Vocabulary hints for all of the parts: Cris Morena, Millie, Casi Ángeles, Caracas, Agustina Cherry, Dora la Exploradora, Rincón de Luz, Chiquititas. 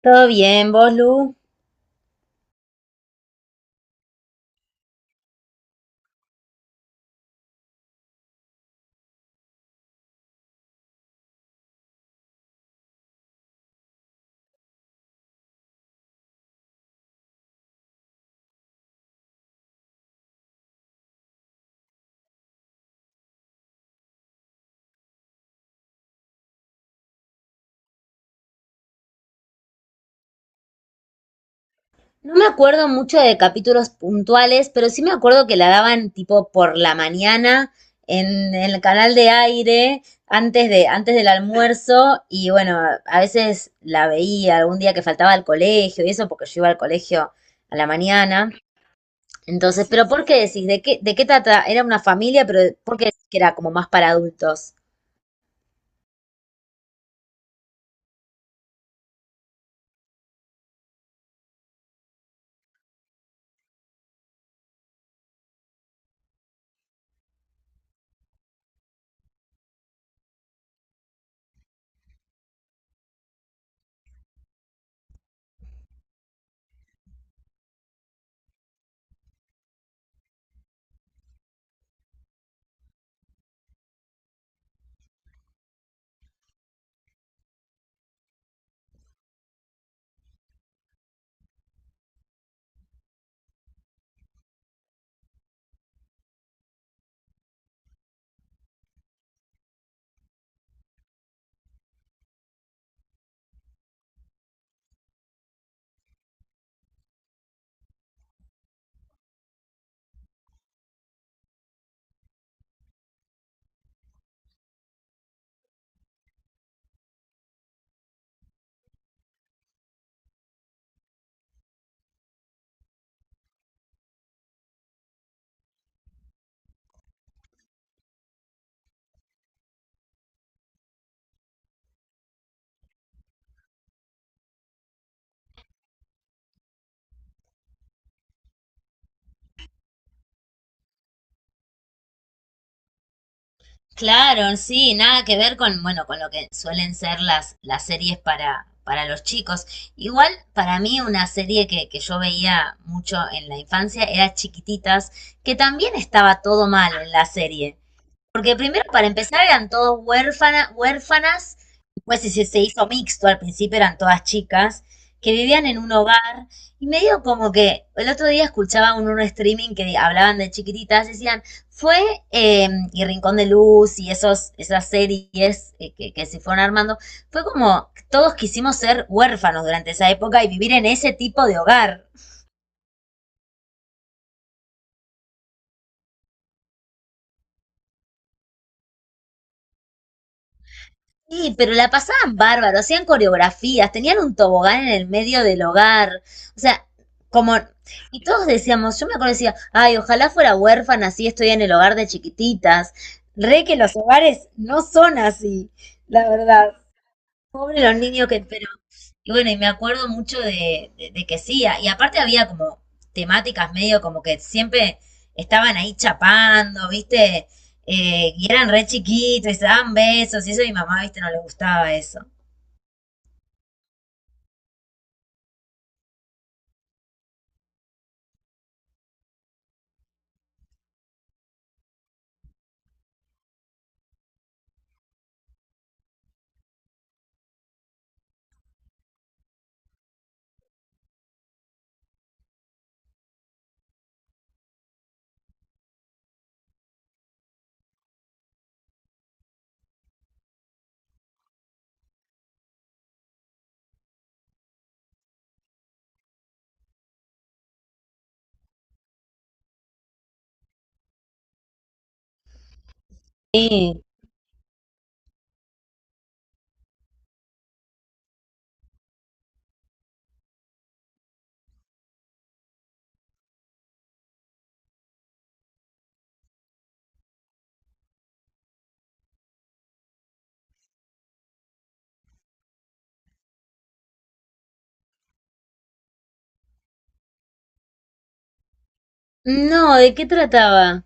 Todo bien, vos, Lu. No me acuerdo mucho de capítulos puntuales, pero sí me acuerdo que la daban tipo por la mañana en, el canal de aire, antes del almuerzo, y bueno, a veces la veía algún día que faltaba al colegio y eso, porque yo iba al colegio a la mañana. Entonces, pero ¿por qué decís? ¿De qué trata? Era una familia, pero ¿por qué decís que era como más para adultos? Claro, sí, nada que ver con, bueno, con lo que suelen ser las series para los chicos. Igual, para mí, una serie que yo veía mucho en la infancia era Chiquititas, que también estaba todo mal en la serie. Porque primero, para empezar, eran todos huérfanas, después se hizo mixto, al principio eran todas chicas, que vivían en un hogar, y medio como que el otro día escuchaba un streaming que hablaban de chiquititas, decían, fue, y Rincón de Luz y esos, esas series que se fueron armando, fue como todos quisimos ser huérfanos durante esa época y vivir en ese tipo de hogar. Sí, pero la pasaban bárbaro, hacían coreografías, tenían un tobogán en el medio del hogar, o sea, como, y todos decíamos, yo me acuerdo decía, ay, ojalá fuera huérfana, así estoy en el hogar de chiquititas, re que los hogares no son así, la verdad, pobre los niños que, pero y bueno, y me acuerdo mucho de, de que sí, y aparte había como temáticas medio como que siempre estaban ahí chapando, ¿viste? Y eran re chiquitos y se daban besos, y eso a mi mamá, ¿viste? No le gustaba eso. Sí. No, ¿de qué trataba?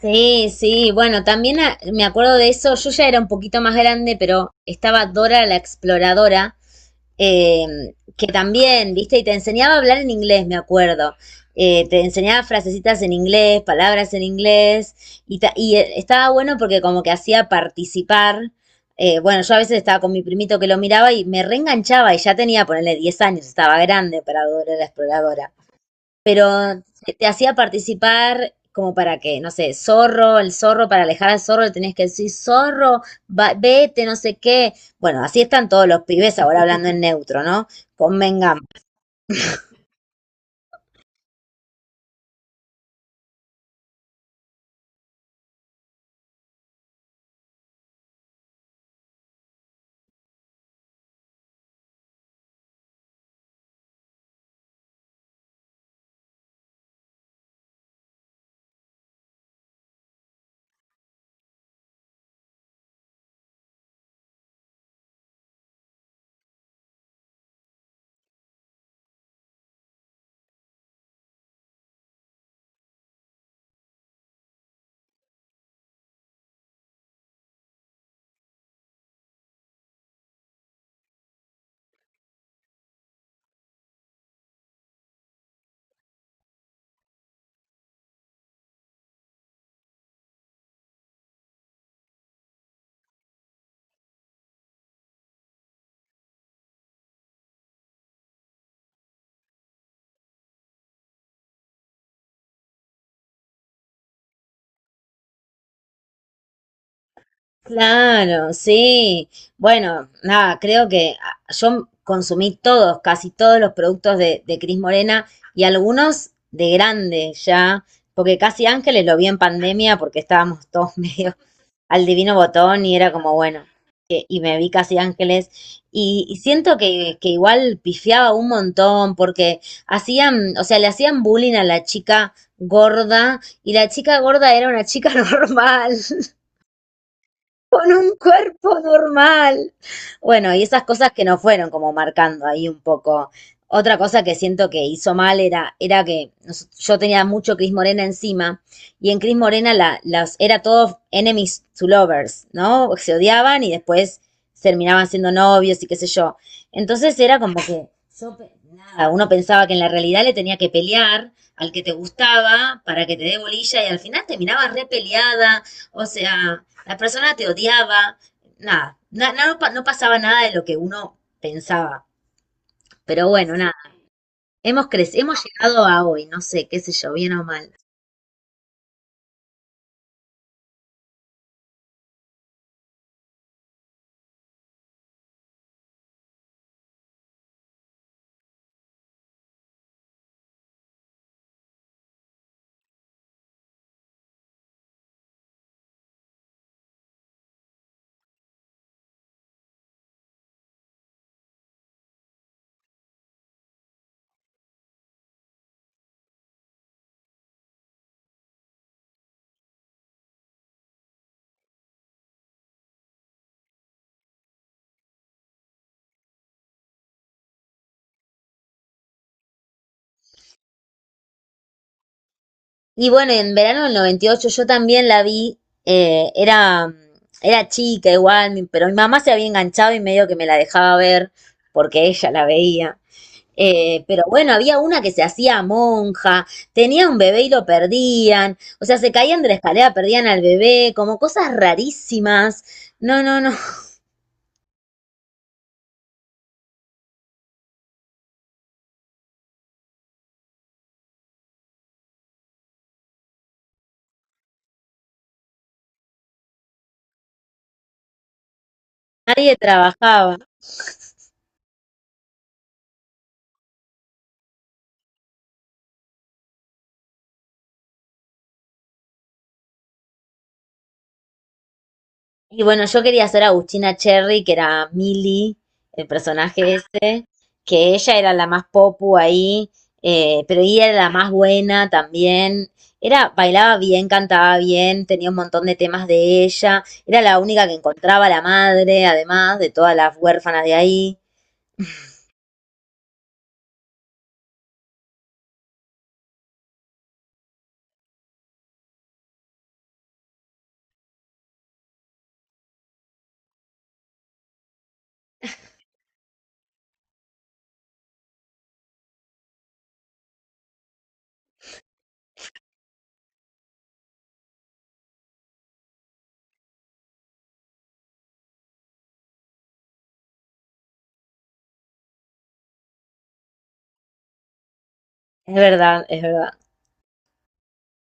Sí, sí, bueno, también me acuerdo de eso, yo ya era un poquito más grande, pero estaba Dora la Exploradora, eh, que también, viste, y te enseñaba a hablar en inglés, me acuerdo. Te enseñaba frasecitas en inglés, palabras en inglés, y, y estaba bueno porque como que hacía participar. Bueno, yo a veces estaba con mi primito que lo miraba y me reenganchaba y ya tenía, ponerle 10 años, estaba grande para Dora la Exploradora, pero te hacía participar como para que, no sé, zorro, el zorro, para alejar al zorro le tenías que decir, zorro, vete, no sé qué. Bueno, así están todos los pibes ahora hablando en neutro, ¿no? Convengamos. Claro, sí. Bueno, nada, creo que yo consumí todos, casi todos los productos de Cris Morena y algunos de grande ya, porque casi Ángeles lo vi en pandemia porque estábamos todos medio al Divino Botón y era como, bueno, y me vi casi ángeles y siento que igual pifiaba un montón porque hacían, o sea, le hacían bullying a la chica gorda y la chica gorda era una chica normal con un cuerpo normal. Bueno, y esas cosas que nos fueron como marcando ahí un poco. Otra cosa que siento que hizo mal era, era que yo tenía mucho Cris Morena encima y en Cris Morena la, las, era todo enemies to lovers, ¿no? Se odiaban y después terminaban siendo novios y qué sé yo. Entonces era como que yo, nada, uno pensaba que en la realidad le tenía que pelear al que te gustaba para que te dé bolilla y al final terminabas repeleada. O sea, la persona te odiaba, nada, no, no pasaba nada de lo que uno pensaba. Pero bueno, nada, hemos crecido, hemos llegado a hoy, no sé, qué sé yo, bien o mal. Y bueno, en verano del 98 yo también la vi, era, era chica igual, pero mi mamá se había enganchado y medio que me la dejaba ver porque ella la veía. Pero bueno, había una que se hacía monja, tenía un bebé y lo perdían, o sea, se caían de la escalera, perdían al bebé, como cosas rarísimas. No, no, no, nadie trabajaba. Y bueno, yo quería hacer a Agustina Cherry, que era Millie, el personaje ese, que ella era la más popu ahí, pero ella era la más buena también. Era, bailaba bien, cantaba bien, tenía un montón de temas de ella. Era la única que encontraba a la madre, además de todas las huérfanas de ahí. Es verdad, es verdad.